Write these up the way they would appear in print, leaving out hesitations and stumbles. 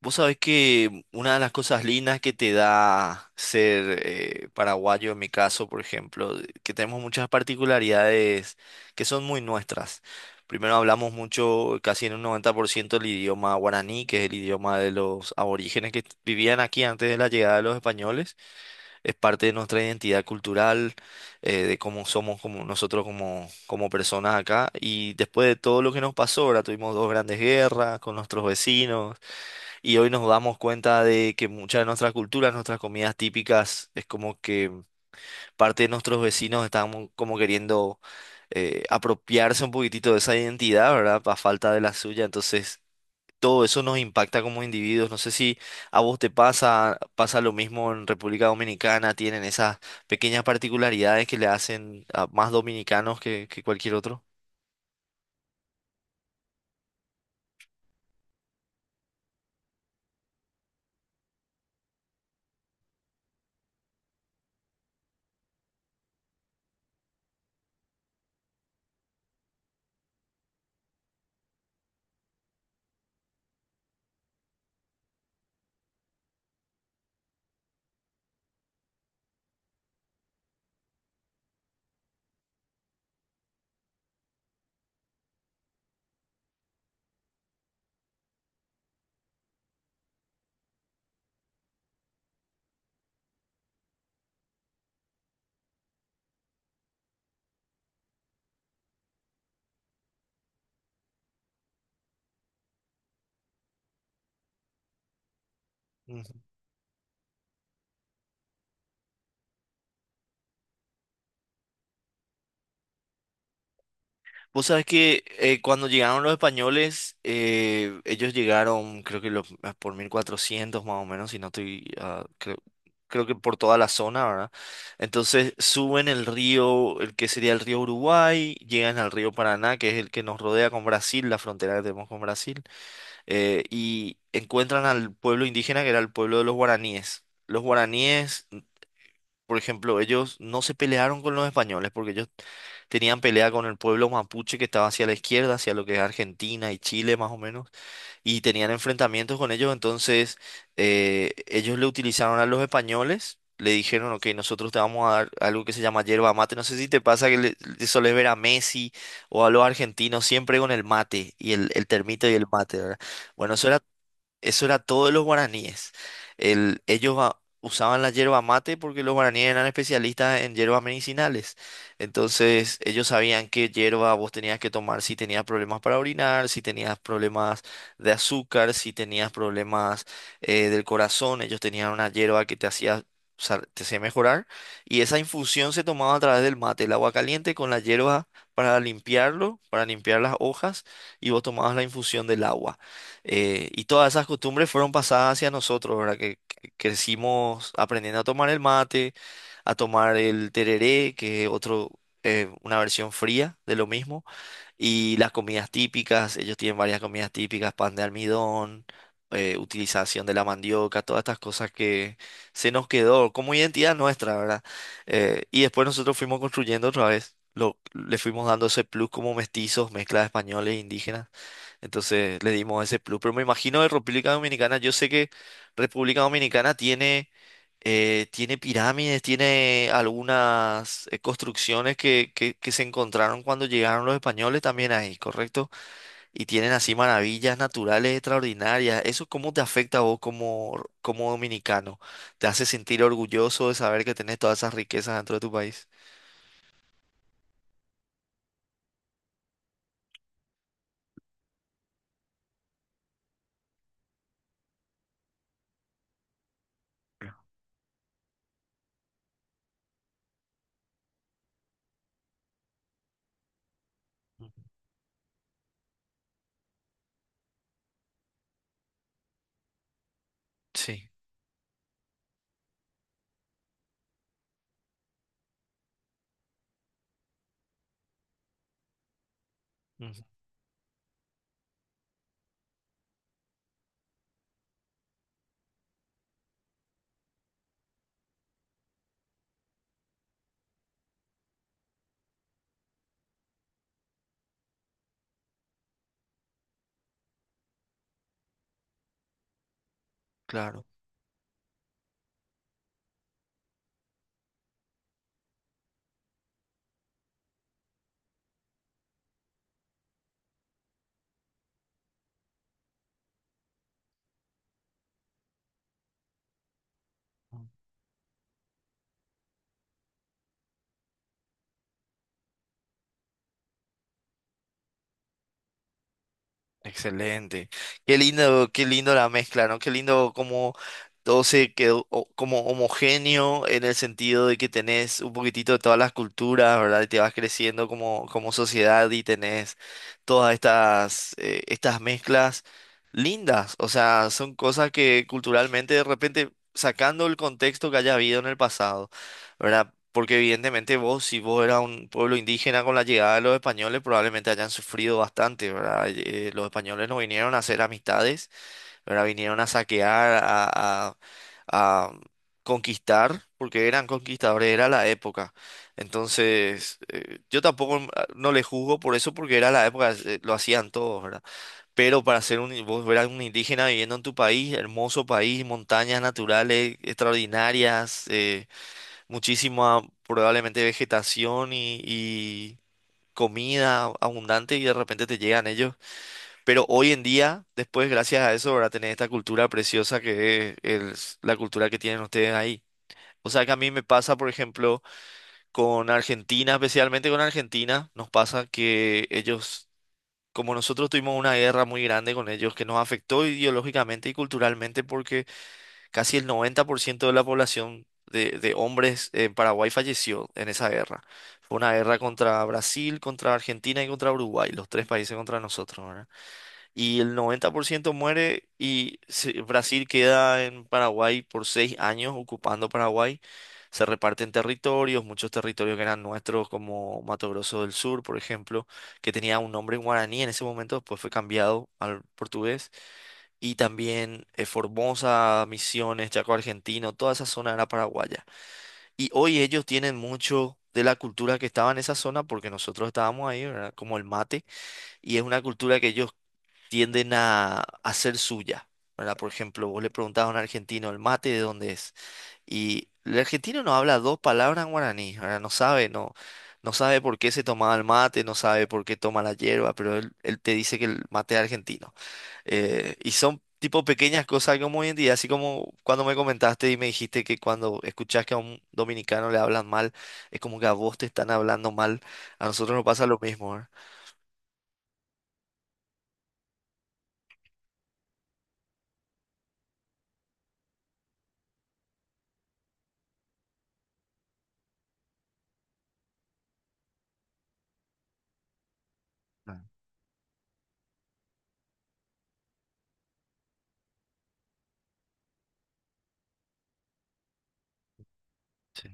Vos sabés que una de las cosas lindas que te da ser paraguayo, en mi caso, por ejemplo, que tenemos muchas particularidades que son muy nuestras. Primero hablamos mucho, casi en un 90%, el idioma guaraní, que es el idioma de los aborígenes que vivían aquí antes de la llegada de los españoles. Es parte de nuestra identidad cultural, de cómo somos como nosotros como personas acá. Y después de todo lo que nos pasó, ahora tuvimos dos grandes guerras con nuestros vecinos y hoy nos damos cuenta de que muchas de nuestras culturas, nuestras comidas típicas, es como que parte de nuestros vecinos están como queriendo apropiarse un poquitito de esa identidad, ¿verdad? A falta de la suya. Entonces, todo eso nos impacta como individuos. No sé si a vos te pasa, pasa lo mismo en República Dominicana, tienen esas pequeñas particularidades que le hacen a más dominicanos que cualquier otro. Vos sabés que cuando llegaron los españoles, ellos llegaron, creo que por 1400 más o menos, si no estoy, creo que por toda la zona, ¿verdad? Entonces suben el río, el que sería el río Uruguay, llegan al río Paraná, que es el que nos rodea con Brasil, la frontera que tenemos con Brasil, y encuentran al pueblo indígena que era el pueblo de los guaraníes. Los guaraníes por ejemplo, ellos no se pelearon con los españoles porque ellos tenían pelea con el pueblo mapuche que estaba hacia la izquierda, hacia lo que es Argentina y Chile más o menos, y tenían enfrentamientos con ellos, entonces ellos le utilizaron a los españoles, le dijeron, ok, nosotros te vamos a dar algo que se llama yerba mate, no sé si te pasa que le solés ver a Messi o a los argentinos siempre con el mate y el termito y el mate, ¿verdad? Bueno, eso era todo de los guaraníes. Ellos usaban la yerba mate porque los guaraníes eran especialistas en hierbas medicinales. Entonces, ellos sabían qué hierba vos tenías que tomar si tenías problemas para orinar, si tenías problemas de azúcar, si tenías problemas del corazón. Ellos tenían una hierba que te hacía mejorar. Y esa infusión se tomaba a través del mate, el agua caliente con la hierba para limpiarlo, para limpiar las hojas, y vos tomabas la infusión del agua. Y todas esas costumbres fueron pasadas hacia nosotros, ¿verdad? Que crecimos aprendiendo a tomar el mate, a tomar el tereré, que es otro, una versión fría de lo mismo. Y las comidas típicas, ellos tienen varias comidas típicas, pan de almidón, utilización de la mandioca, todas estas cosas que se nos quedó como identidad nuestra, ¿verdad? Y después nosotros fuimos construyendo otra vez, le fuimos dando ese plus como mestizos, mezcla de españoles e indígenas. Entonces le dimos ese plus. Pero me imagino de República Dominicana, yo sé que República Dominicana tiene tiene pirámides, tiene algunas construcciones que se encontraron cuando llegaron los españoles también ahí, ¿correcto? Y tienen así maravillas naturales extraordinarias. ¿Eso cómo te afecta a vos como dominicano? ¿Te hace sentir orgulloso de saber que tenés todas esas riquezas dentro de tu país? Sí, ujú, claro. Excelente. Qué lindo la mezcla, ¿no? Qué lindo como todo se quedó como homogéneo en el sentido de que tenés un poquitito de todas las culturas, ¿verdad? Y te vas creciendo como sociedad y tenés todas estas mezclas lindas. O sea, son cosas que culturalmente de repente, sacando el contexto que haya habido en el pasado. ¿Verdad? Porque evidentemente vos, si vos eras un pueblo indígena con la llegada de los españoles, probablemente hayan sufrido bastante, ¿verdad? Los españoles no vinieron a hacer amistades, ¿verdad? Vinieron a saquear, a- a conquistar, porque eran conquistadores, era la época. Entonces, yo tampoco no le juzgo por eso, porque era la época, lo hacían todos, ¿verdad? Pero para ser un, vos eras un indígena viviendo en tu país, hermoso país, montañas naturales extraordinarias, muchísima probablemente vegetación y comida abundante y de repente te llegan ellos. Pero hoy en día, después, gracias a eso, ahora tenés esta cultura preciosa que es la cultura que tienen ustedes ahí. O sea que a mí me pasa, por ejemplo, con Argentina, especialmente con Argentina, nos pasa que ellos, como nosotros tuvimos una guerra muy grande con ellos que nos afectó ideológicamente y culturalmente porque casi el 90% de la población de hombres en Paraguay falleció en esa guerra. Fue una guerra contra Brasil, contra Argentina y contra Uruguay, los tres países contra nosotros, ¿verdad? Y el 90% muere Brasil queda en Paraguay por 6 años ocupando Paraguay. Se reparten territorios, muchos territorios que eran nuestros, como Mato Grosso del Sur, por ejemplo, que tenía un nombre en guaraní en ese momento, después fue cambiado al portugués y también Formosa, Misiones, Chaco Argentino, toda esa zona era paraguaya. Y hoy ellos tienen mucho de la cultura que estaba en esa zona porque nosotros estábamos ahí, ¿verdad? Como el mate, y es una cultura que ellos tienden a hacer suya, ¿verdad? Por ejemplo, vos le preguntás a un argentino, ¿el mate de dónde es? Y el argentino no habla dos palabras en guaraní, ¿verdad? No sabe, no. No sabe por qué se tomaba el mate, no sabe por qué toma la hierba, pero él te dice que el mate es argentino. Y son tipo pequeñas cosas como hoy en día, así como cuando me comentaste y me dijiste que cuando escuchás que a un dominicano le hablan mal, es como que a vos te están hablando mal, a nosotros nos pasa lo mismo, ¿verdad? Ah, sí.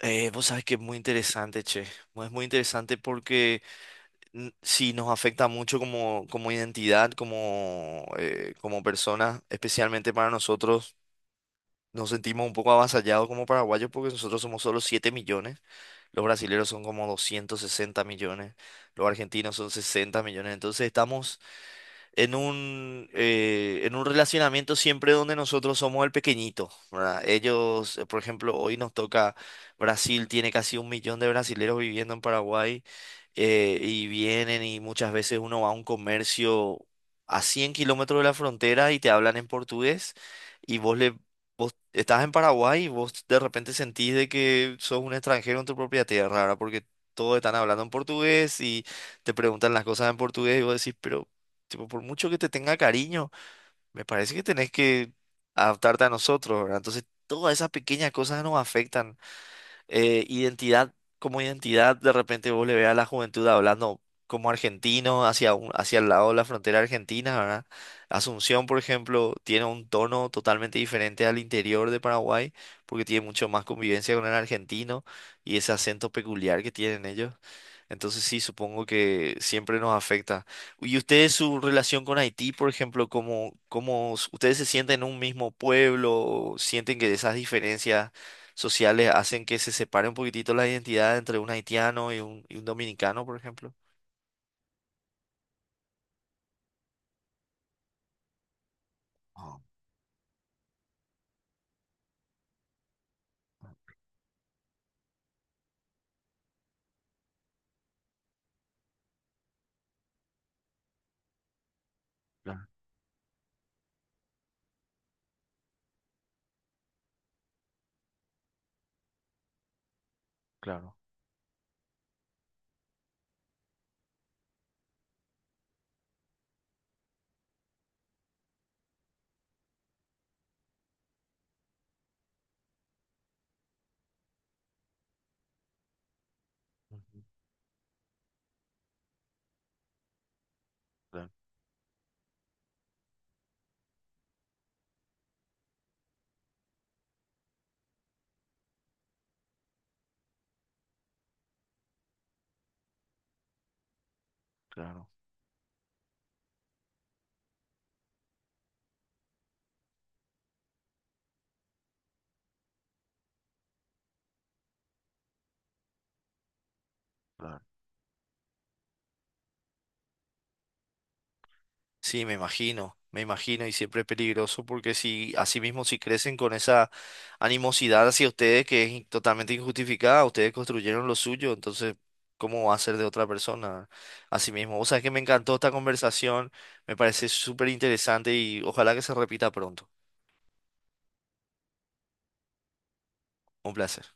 Vos sabés que es muy interesante, che. Es muy interesante porque sí nos afecta mucho como identidad, como personas, especialmente para nosotros. Nos sentimos un poco avasallados como paraguayos porque nosotros somos solo 7 millones. Los brasileros son como 260 millones, los argentinos son 60 millones. Entonces estamos en un relacionamiento siempre donde nosotros somos el pequeñito, ¿verdad? Ellos, por ejemplo, hoy nos toca Brasil, tiene casi un millón de brasileros viviendo en Paraguay y vienen y muchas veces uno va a un comercio a 100 kilómetros de la frontera y te hablan en portugués. y vos le... Vos estás en Paraguay y vos de repente sentís de que sos un extranjero en tu propia tierra, ¿verdad? Porque todos están hablando en portugués y te preguntan las cosas en portugués y vos decís, pero tipo, por mucho que te tenga cariño, me parece que tenés que adaptarte a nosotros, ¿verdad? Entonces, todas esas pequeñas cosas nos afectan. Eh, identidad, como identidad, de repente vos le veas a la juventud hablando como argentino hacia el lado de la frontera argentina, ¿verdad? Asunción, por ejemplo, tiene un tono totalmente diferente al interior de Paraguay, porque tiene mucho más convivencia con el argentino y ese acento peculiar que tienen ellos. Entonces sí, supongo que siempre nos afecta. ¿Y ustedes su relación con Haití, por ejemplo, cómo, ustedes se sienten en un mismo pueblo? ¿O sienten que esas diferencias sociales hacen que se separe un poquitito la identidad entre un haitiano y un dominicano, por ejemplo? Ah, claro, claro, ujú. Claro, claro. Claro. Sí, me imagino y siempre es peligroso porque si así mismo si crecen con esa animosidad hacia ustedes que es totalmente injustificada, ustedes construyeron lo suyo, entonces ¿cómo va a ser de otra persona? Así mismo, o sea, es que me encantó esta conversación, me parece súper interesante y ojalá que se repita pronto. Un placer.